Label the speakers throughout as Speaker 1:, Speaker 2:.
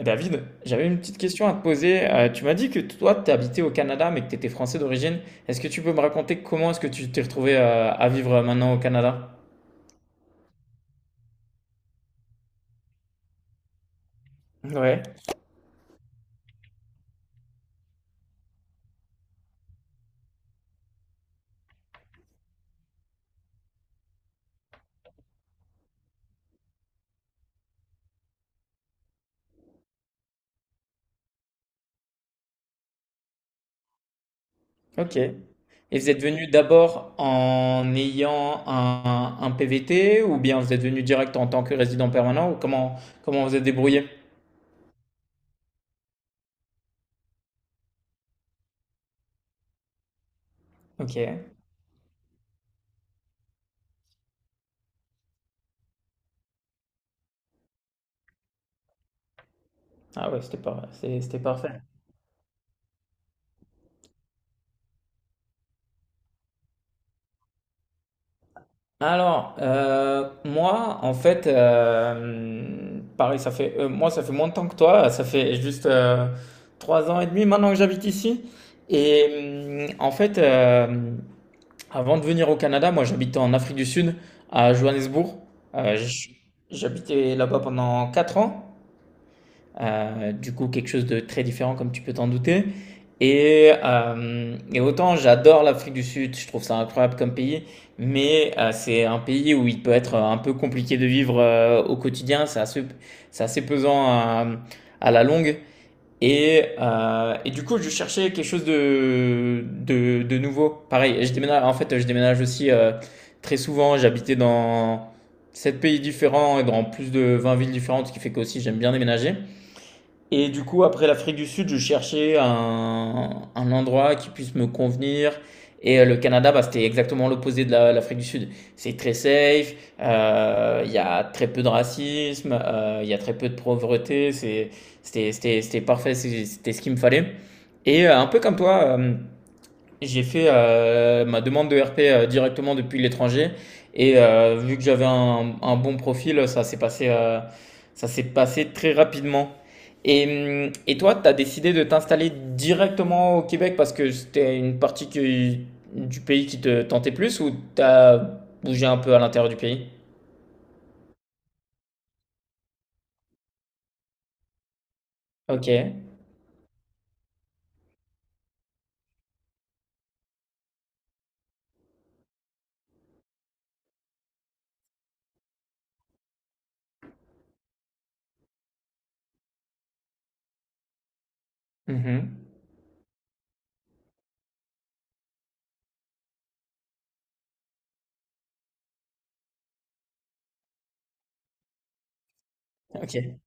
Speaker 1: David, j'avais une petite question à te poser. Tu m'as dit que toi, tu habitais au Canada, mais que tu étais français d'origine. Est-ce que tu peux me raconter comment est-ce que tu t'es retrouvé à vivre maintenant au Canada? Ouais. Ok. Et vous êtes venu d'abord en ayant un PVT ou bien vous êtes venu direct en tant que résident permanent ou comment vous êtes débrouillé? Ok. Ah ouais, c'était parfait. Pareil, moi, ça fait moins de temps que toi. Ça fait juste trois ans et demi maintenant que j'habite ici. Et avant de venir au Canada, moi, j'habitais en Afrique du Sud, à Johannesburg. Euh, j- J'habitais là-bas pendant 4 ans. Du coup, quelque chose de très différent, comme tu peux t'en douter. Et autant j'adore l'Afrique du Sud, je trouve ça incroyable comme pays, mais c'est un pays où il peut être un peu compliqué de vivre au quotidien, c'est assez pesant à la longue. Et du coup, je cherchais quelque chose de nouveau. Pareil, je déménage, en fait, je déménage aussi très souvent, j'habitais dans 7 pays différents et dans plus de 20 villes différentes, ce qui fait que aussi j'aime bien déménager. Et du coup, après l'Afrique du Sud, je cherchais un endroit qui puisse me convenir. Et le Canada, bah, c'était exactement l'opposé de l'Afrique du Sud. C'est très safe, il y a très peu de racisme, il y a très peu de pauvreté. C'était parfait, c'était ce qu'il me fallait. Et un peu comme toi, j'ai fait ma demande de RP directement depuis l'étranger et vu que j'avais un bon profil, ça s'est passé très rapidement. Et toi, tu as décidé de t'installer directement au Québec parce que c'était du pays qui te tentait plus ou tu as bougé un peu à l'intérieur du pays? Ok. Mhm. Ok.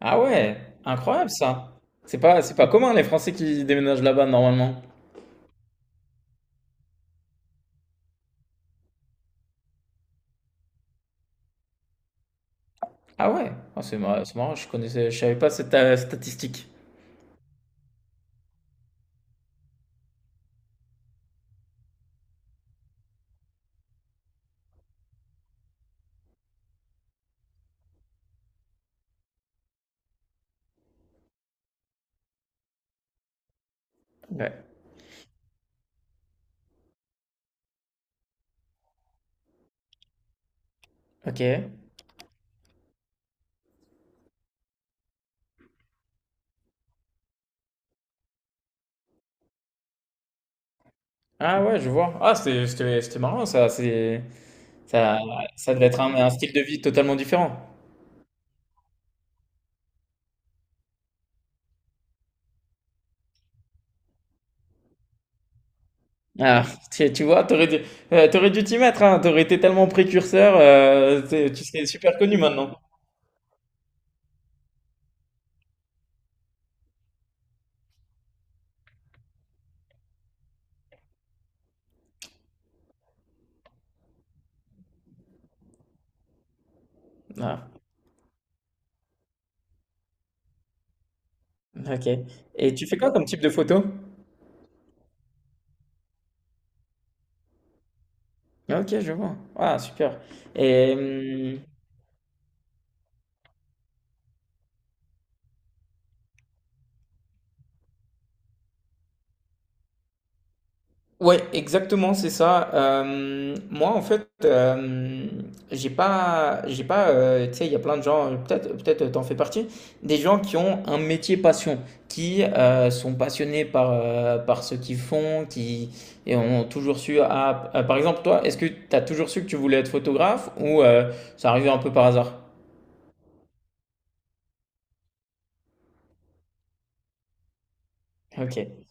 Speaker 1: Ah ouais, incroyable ça. C'est pas commun les Français qui déménagent là-bas normalement. Ah ouais? Ah, c'est marrant, je savais pas cette statistique. Ouais. Ok. Ah ouais, je vois. Ah, c'était marrant ça. Ça, ça devait être un style de vie totalement différent. Ah, tu vois, t'aurais dû t'y mettre, hein. T'aurais été tellement précurseur, tu serais super connu maintenant. Ah, ok. Et tu fais quoi comme type de photo? Ok, je vois. Ah, super. Et, hum, Ouais, exactement, c'est ça. J'ai pas, tu sais, il y a plein de gens, peut-être t'en fais partie, des gens qui ont un métier passion, qui sont passionnés par ce qu'ils font, qui et ont toujours su. Ah, par exemple, toi, est-ce que t'as toujours su que tu voulais être photographe ou ça arrivait un peu par hasard? Ok.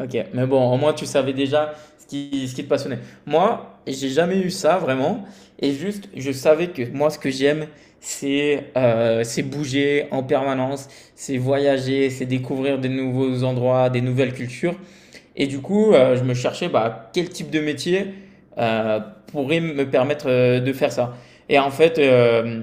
Speaker 1: Ok, mais bon, au moins tu savais déjà ce qui te passionnait. Moi, j'ai jamais eu ça vraiment. Et juste, je savais que moi, ce que j'aime, c'est bouger en permanence, c'est voyager, c'est découvrir des nouveaux endroits, des nouvelles cultures. Et du coup, je me cherchais bah, quel type de métier euh, pourrait me permettre de faire ça. Et en fait, euh,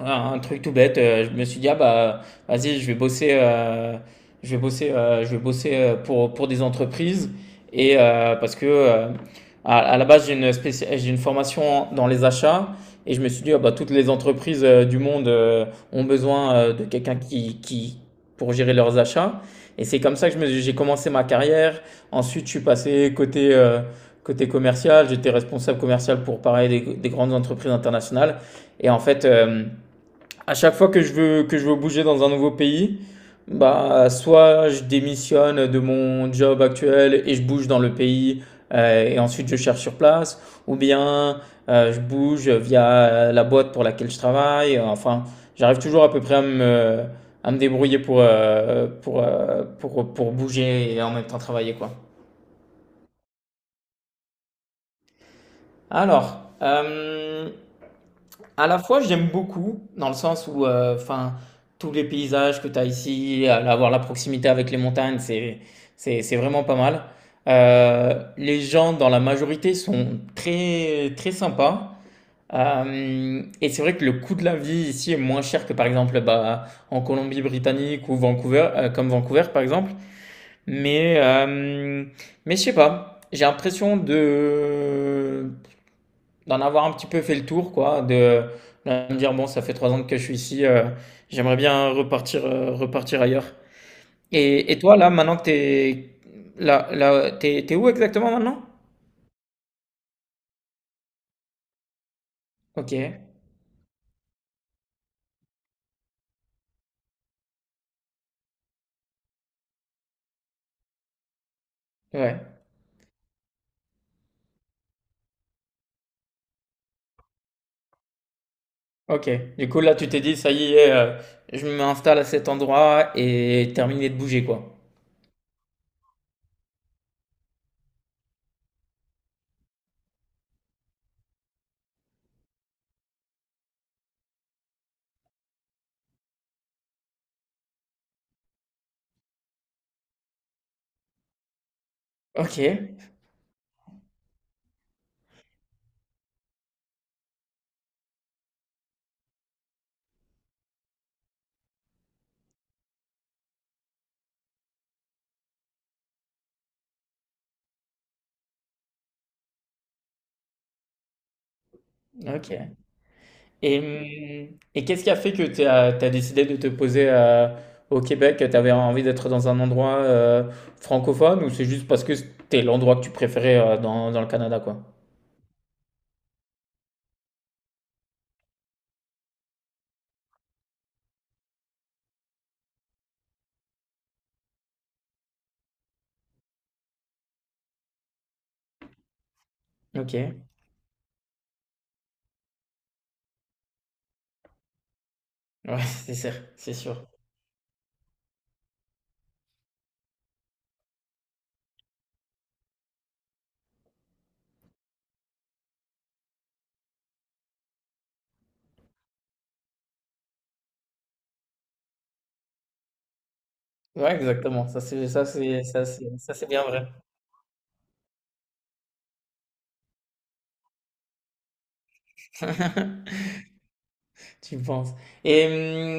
Speaker 1: un truc tout bête, je me suis dit, ah bah, vas-y, je vais bosser pour des entreprises. Et euh, parce que, euh, à la base, j'ai j'ai une formation dans les achats. Et je me suis dit, ah bah, toutes les entreprises du monde ont besoin de quelqu'un pour gérer leurs achats. Et c'est comme ça que j'ai commencé ma carrière. Ensuite, je suis passé côté commercial. J'étais responsable commercial pour, pareil, des grandes entreprises internationales. Et en fait, euh, à chaque fois que je veux bouger dans un nouveau pays, bah, soit je démissionne de mon job actuel et je bouge dans le pays et ensuite je cherche sur place, ou bien je bouge via la boîte pour laquelle je travaille. Enfin, j'arrive toujours à peu près à me débrouiller pour bouger et en même temps travailler, quoi. Alors, euh, À la fois, j'aime beaucoup, dans le sens tous les paysages que tu as ici, avoir la proximité avec les montagnes, c'est vraiment pas mal. Les gens, dans la majorité, sont très, très sympas. Hem et c'est vrai que le coût de la vie ici est moins cher que, par exemple, bah, en Colombie-Britannique ou Vancouver, comme Vancouver, par exemple. Mais, hem, mais je sais pas, j'ai l'impression de d'en avoir un petit peu fait le tour, quoi, de me dire, bon, ça fait 3 ans que je suis ici, j'aimerais bien repartir, repartir ailleurs. Et toi, là, maintenant que t'es là, là, t'es où exactement maintenant? Ok, ouais, ok. Du coup, là, tu t'es dit, ça y est, je m'installe à cet endroit et terminé de bouger, quoi. Ok, ok. Et, et qu'est-ce qui a fait que t'as décidé de te poser au Québec? Tu avais envie d'être dans un endroit francophone ou c'est juste parce que c'était l'endroit que tu préférais dans, dans le Canada, quoi? Ok. Ouais, c'est sûr, c'est sûr. Ouais, exactement. Ça, c'est ça, c'est bien vrai. Tu le penses. Et,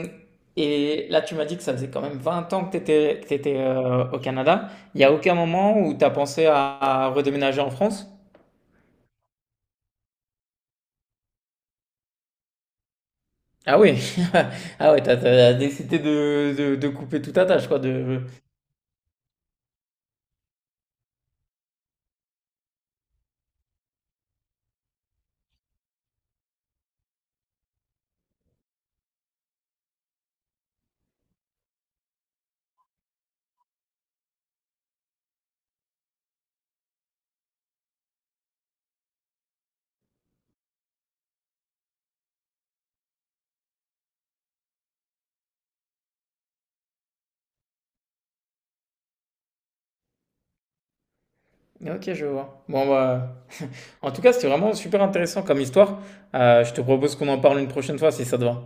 Speaker 1: hum, et là, tu m'as dit que ça faisait quand même 20 ans que tu étais, au Canada. Il n'y a aucun moment où tu as pensé à redéménager en France? Ah oui! Ah ouais, t'as as décidé de couper toute attache quoi, de OK, je vois. Bon bah, en tout cas, c'était vraiment super intéressant comme histoire. Je te propose qu'on en parle une prochaine fois si ça te va.